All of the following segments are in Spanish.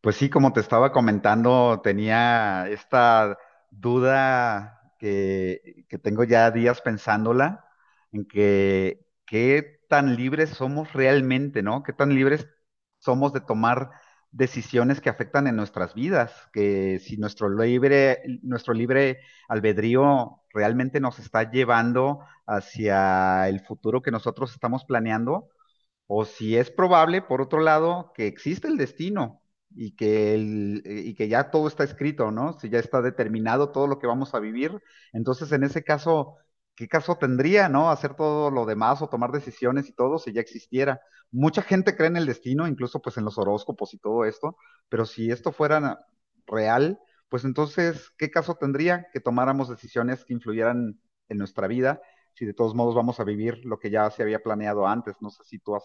Pues sí, como te estaba comentando, tenía esta duda que tengo ya días pensándola, en que qué tan libres somos realmente, ¿no? Qué tan libres somos de tomar decisiones que afectan en nuestras vidas, que si nuestro libre albedrío realmente nos está llevando hacia el futuro que nosotros estamos planeando, o si es probable, por otro lado, que existe el destino y que ya todo está escrito, ¿no? Si ya está determinado todo lo que vamos a vivir, entonces en ese caso, ¿qué caso tendría?, ¿no? Hacer todo lo demás o tomar decisiones y todo si ya existiera. Mucha gente cree en el destino, incluso pues en los horóscopos y todo esto, pero si esto fuera real, pues entonces, ¿qué caso tendría que tomáramos decisiones que influyeran en nuestra vida? Si de todos modos vamos a vivir lo que ya se había planeado antes. No sé si tú has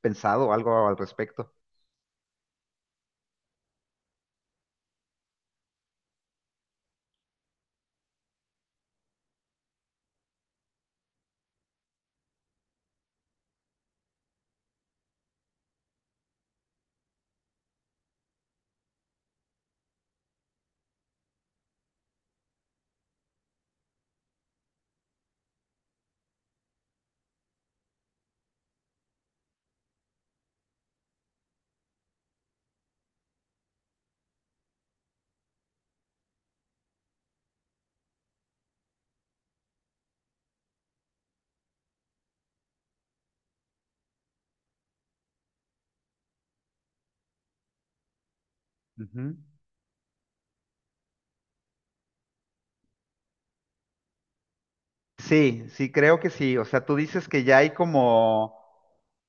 pensado algo al respecto. Ujú. Sí, sí, creo que sí. O sea, tú dices que ya hay como,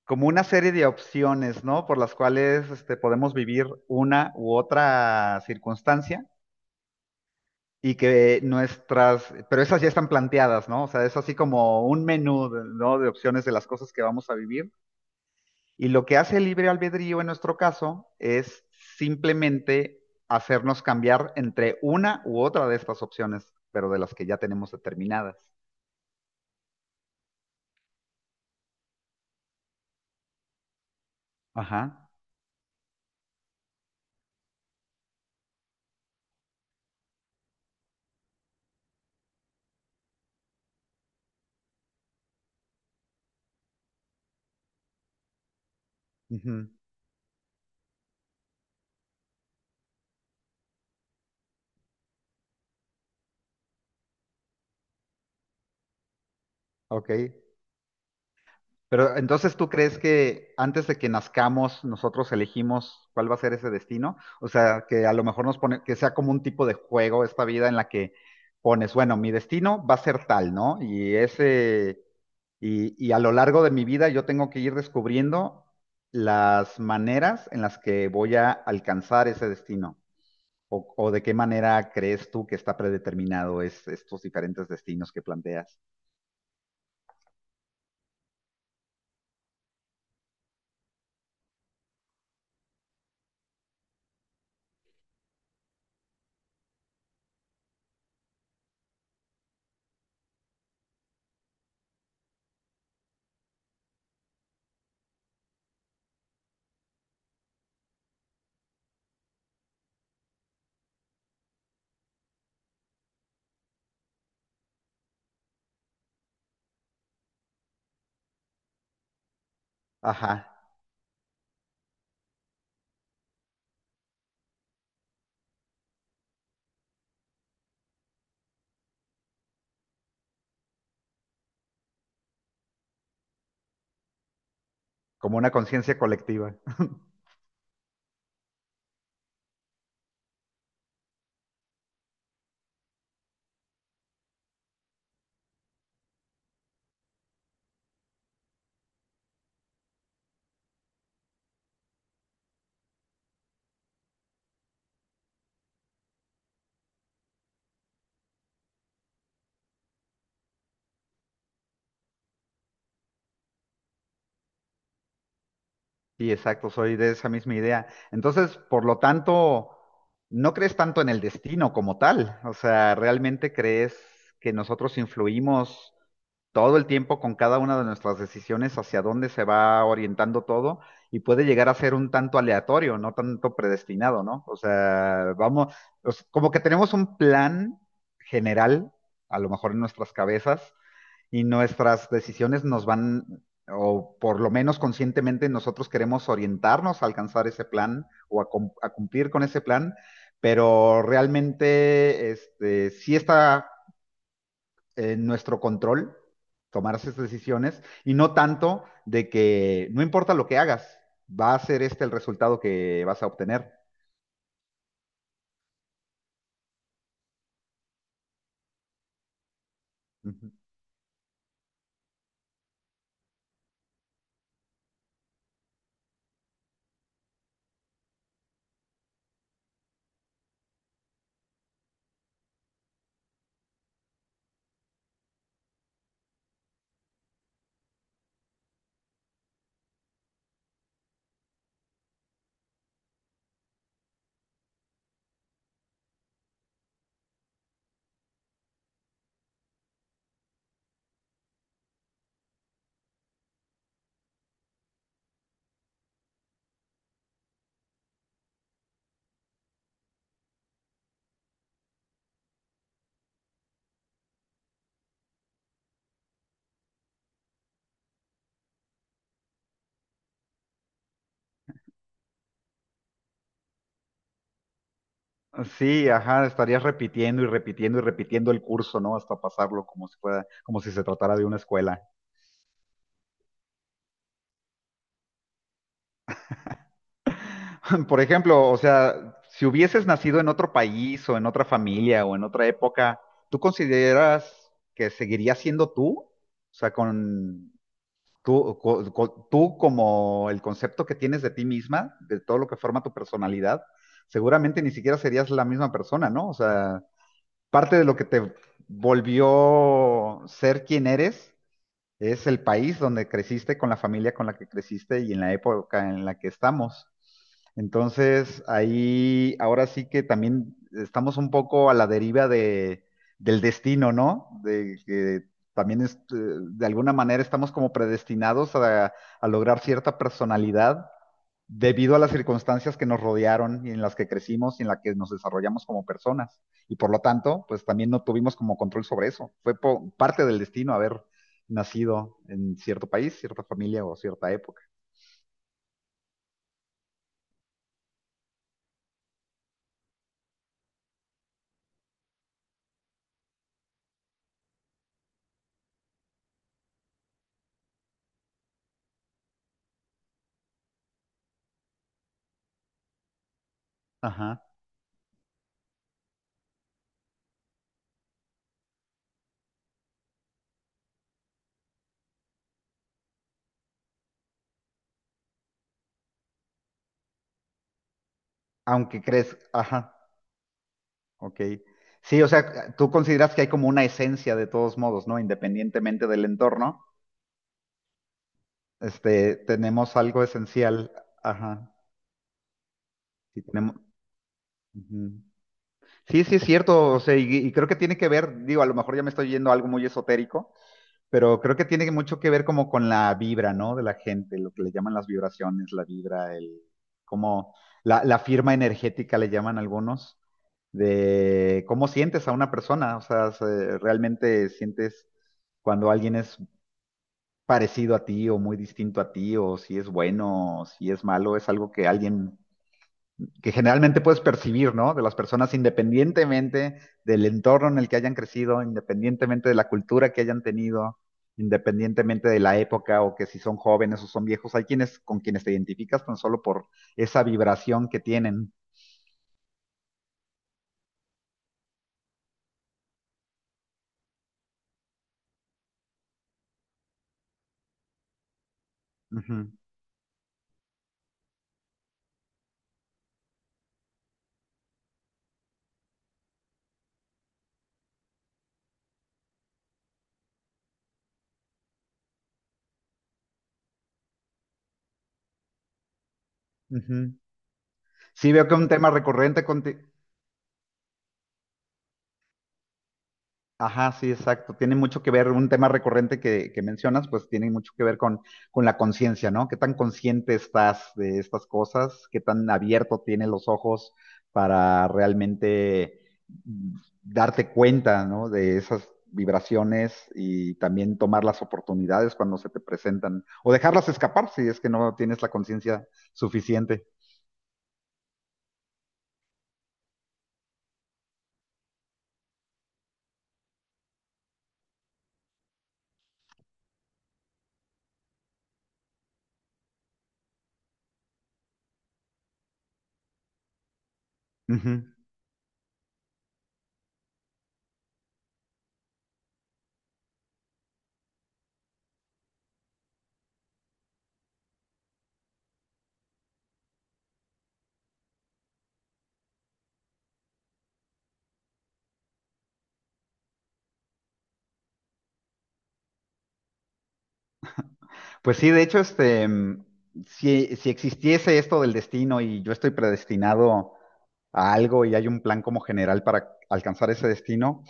como una serie de opciones, ¿no? Por las cuales podemos vivir una u otra circunstancia, y que nuestras, pero esas ya están planteadas, ¿no? O sea, es así como un menú, ¿no? De opciones de las cosas que vamos a vivir. Y lo que hace el libre albedrío en nuestro caso es simplemente hacernos cambiar entre una u otra de estas opciones, pero de las que ya tenemos determinadas. Ajá. Ujú. Ok. Pero entonces, ¿tú crees que antes de que nazcamos nosotros elegimos cuál va a ser ese destino? O sea, que a lo mejor nos pone, que sea como un tipo de juego esta vida en la que pones, bueno, mi destino va a ser tal, ¿no? Y a lo largo de mi vida yo tengo que ir descubriendo las maneras en las que voy a alcanzar ese destino. O de qué manera crees tú que está predeterminado estos diferentes destinos que planteas. Ajá, como una conciencia colectiva. Sí, exacto, soy de esa misma idea. Entonces, por lo tanto, no crees tanto en el destino como tal. O sea, ¿realmente crees que nosotros influimos todo el tiempo con cada una de nuestras decisiones hacia dónde se va orientando todo? Y puede llegar a ser un tanto aleatorio, no tanto predestinado, ¿no? O sea, vamos, o sea, como que tenemos un plan general, a lo mejor en nuestras cabezas, y nuestras decisiones nos van, o por lo menos conscientemente nosotros queremos orientarnos a alcanzar ese plan o a cumplir con ese plan, pero realmente sí está en nuestro control tomar esas decisiones, y no tanto de que no importa lo que hagas, va a ser este el resultado que vas a obtener. Ujú. Sí, ajá, estarías repitiendo y repitiendo y repitiendo el curso, ¿no? Hasta pasarlo como si fuera, como si se tratara de una escuela. Por ejemplo, o sea, si hubieses nacido en otro país o en otra familia o en otra época, ¿tú consideras que seguirías siendo tú? O sea, con tú como el concepto que tienes de ti misma, de todo lo que forma tu personalidad, seguramente ni siquiera serías la misma persona, ¿no? O sea, parte de lo que te volvió ser quien eres es el país donde creciste, con la familia con la que creciste y en la época en la que estamos. Entonces, ahí ahora sí que también estamos un poco a la deriva del destino, ¿no? De que también es, de alguna manera estamos como predestinados a lograr cierta personalidad debido a las circunstancias que nos rodearon y en las que crecimos y en las que nos desarrollamos como personas. Y por lo tanto, pues también no tuvimos como control sobre eso. Fue parte del destino haber nacido en cierto país, cierta familia o cierta época. Ajá. Aunque crees, ajá, ok. Sí, o sea, tú consideras que hay como una esencia de todos modos, ¿no? Independientemente del entorno, este, tenemos algo esencial. Ajá. Sí, tenemos. Ujú. Sí, sí, es cierto, o sea, y creo que tiene que ver, digo, a lo mejor ya me estoy yendo a algo muy esotérico. Pero creo que tiene mucho que ver como con la vibra, ¿no? De la gente, lo que le llaman las vibraciones, la vibra, el como la firma energética le llaman algunos, de cómo sientes a una persona, o sea, realmente sientes cuando alguien es parecido a ti o muy distinto a ti, o si es bueno, o si es malo, es algo que alguien que generalmente puedes percibir, ¿no? De las personas independientemente del entorno en el que hayan crecido, independientemente de la cultura que hayan tenido, independientemente de la época o que si son jóvenes o son viejos, hay quienes con quienes te identificas tan solo por esa vibración que tienen. Ujú, ujú. Sí, veo que un tema recurrente conti-. Ajá, sí, exacto. Tiene mucho que ver, un tema recurrente que mencionas, pues tiene mucho que ver con la conciencia, ¿no? ¿Qué tan consciente estás de estas cosas? ¿Qué tan abierto tienes los ojos para realmente mm, darte cuenta, ¿no? De esas vibraciones, y también tomar las oportunidades cuando se te presentan o dejarlas escapar si es que no tienes la conciencia suficiente. Ujú. Pues sí, de hecho, si existiese esto del destino y yo estoy predestinado a algo y hay un plan como general para alcanzar ese destino,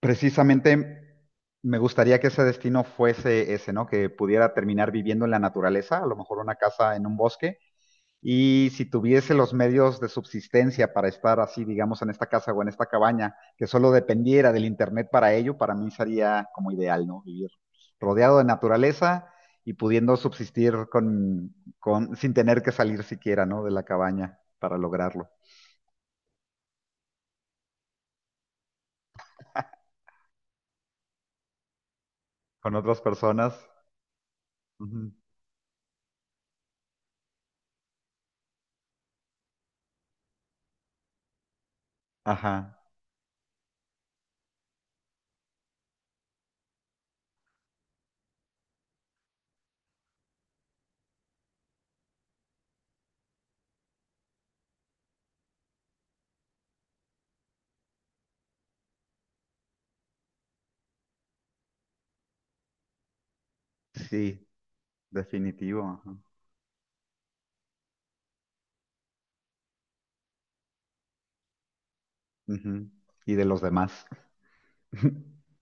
precisamente me gustaría que ese destino fuese ese, ¿no? Que pudiera terminar viviendo en la naturaleza, a lo mejor una casa en un bosque, y si tuviese los medios de subsistencia para estar así, digamos, en esta casa o en esta cabaña, que solo dependiera del internet para ello, para mí sería como ideal, ¿no? Vivir rodeado de naturaleza y pudiendo subsistir sin tener que salir siquiera, ¿no? De la cabaña para lograrlo. Con otras personas. Ujú. Ajá. Sí, definitivo. Ajá. Ujú. Y de los demás.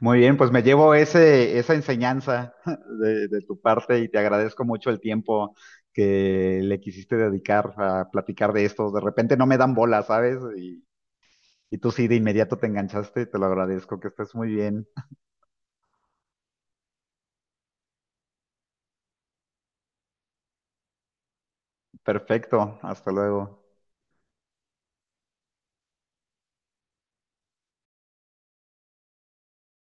Muy bien, pues me llevo esa enseñanza de tu parte y te agradezco mucho el tiempo que le quisiste dedicar a platicar de esto. De repente no me dan bola, ¿sabes? Y tú sí, de inmediato te enganchaste, te lo agradezco, que estés muy bien. Perfecto, hasta luego.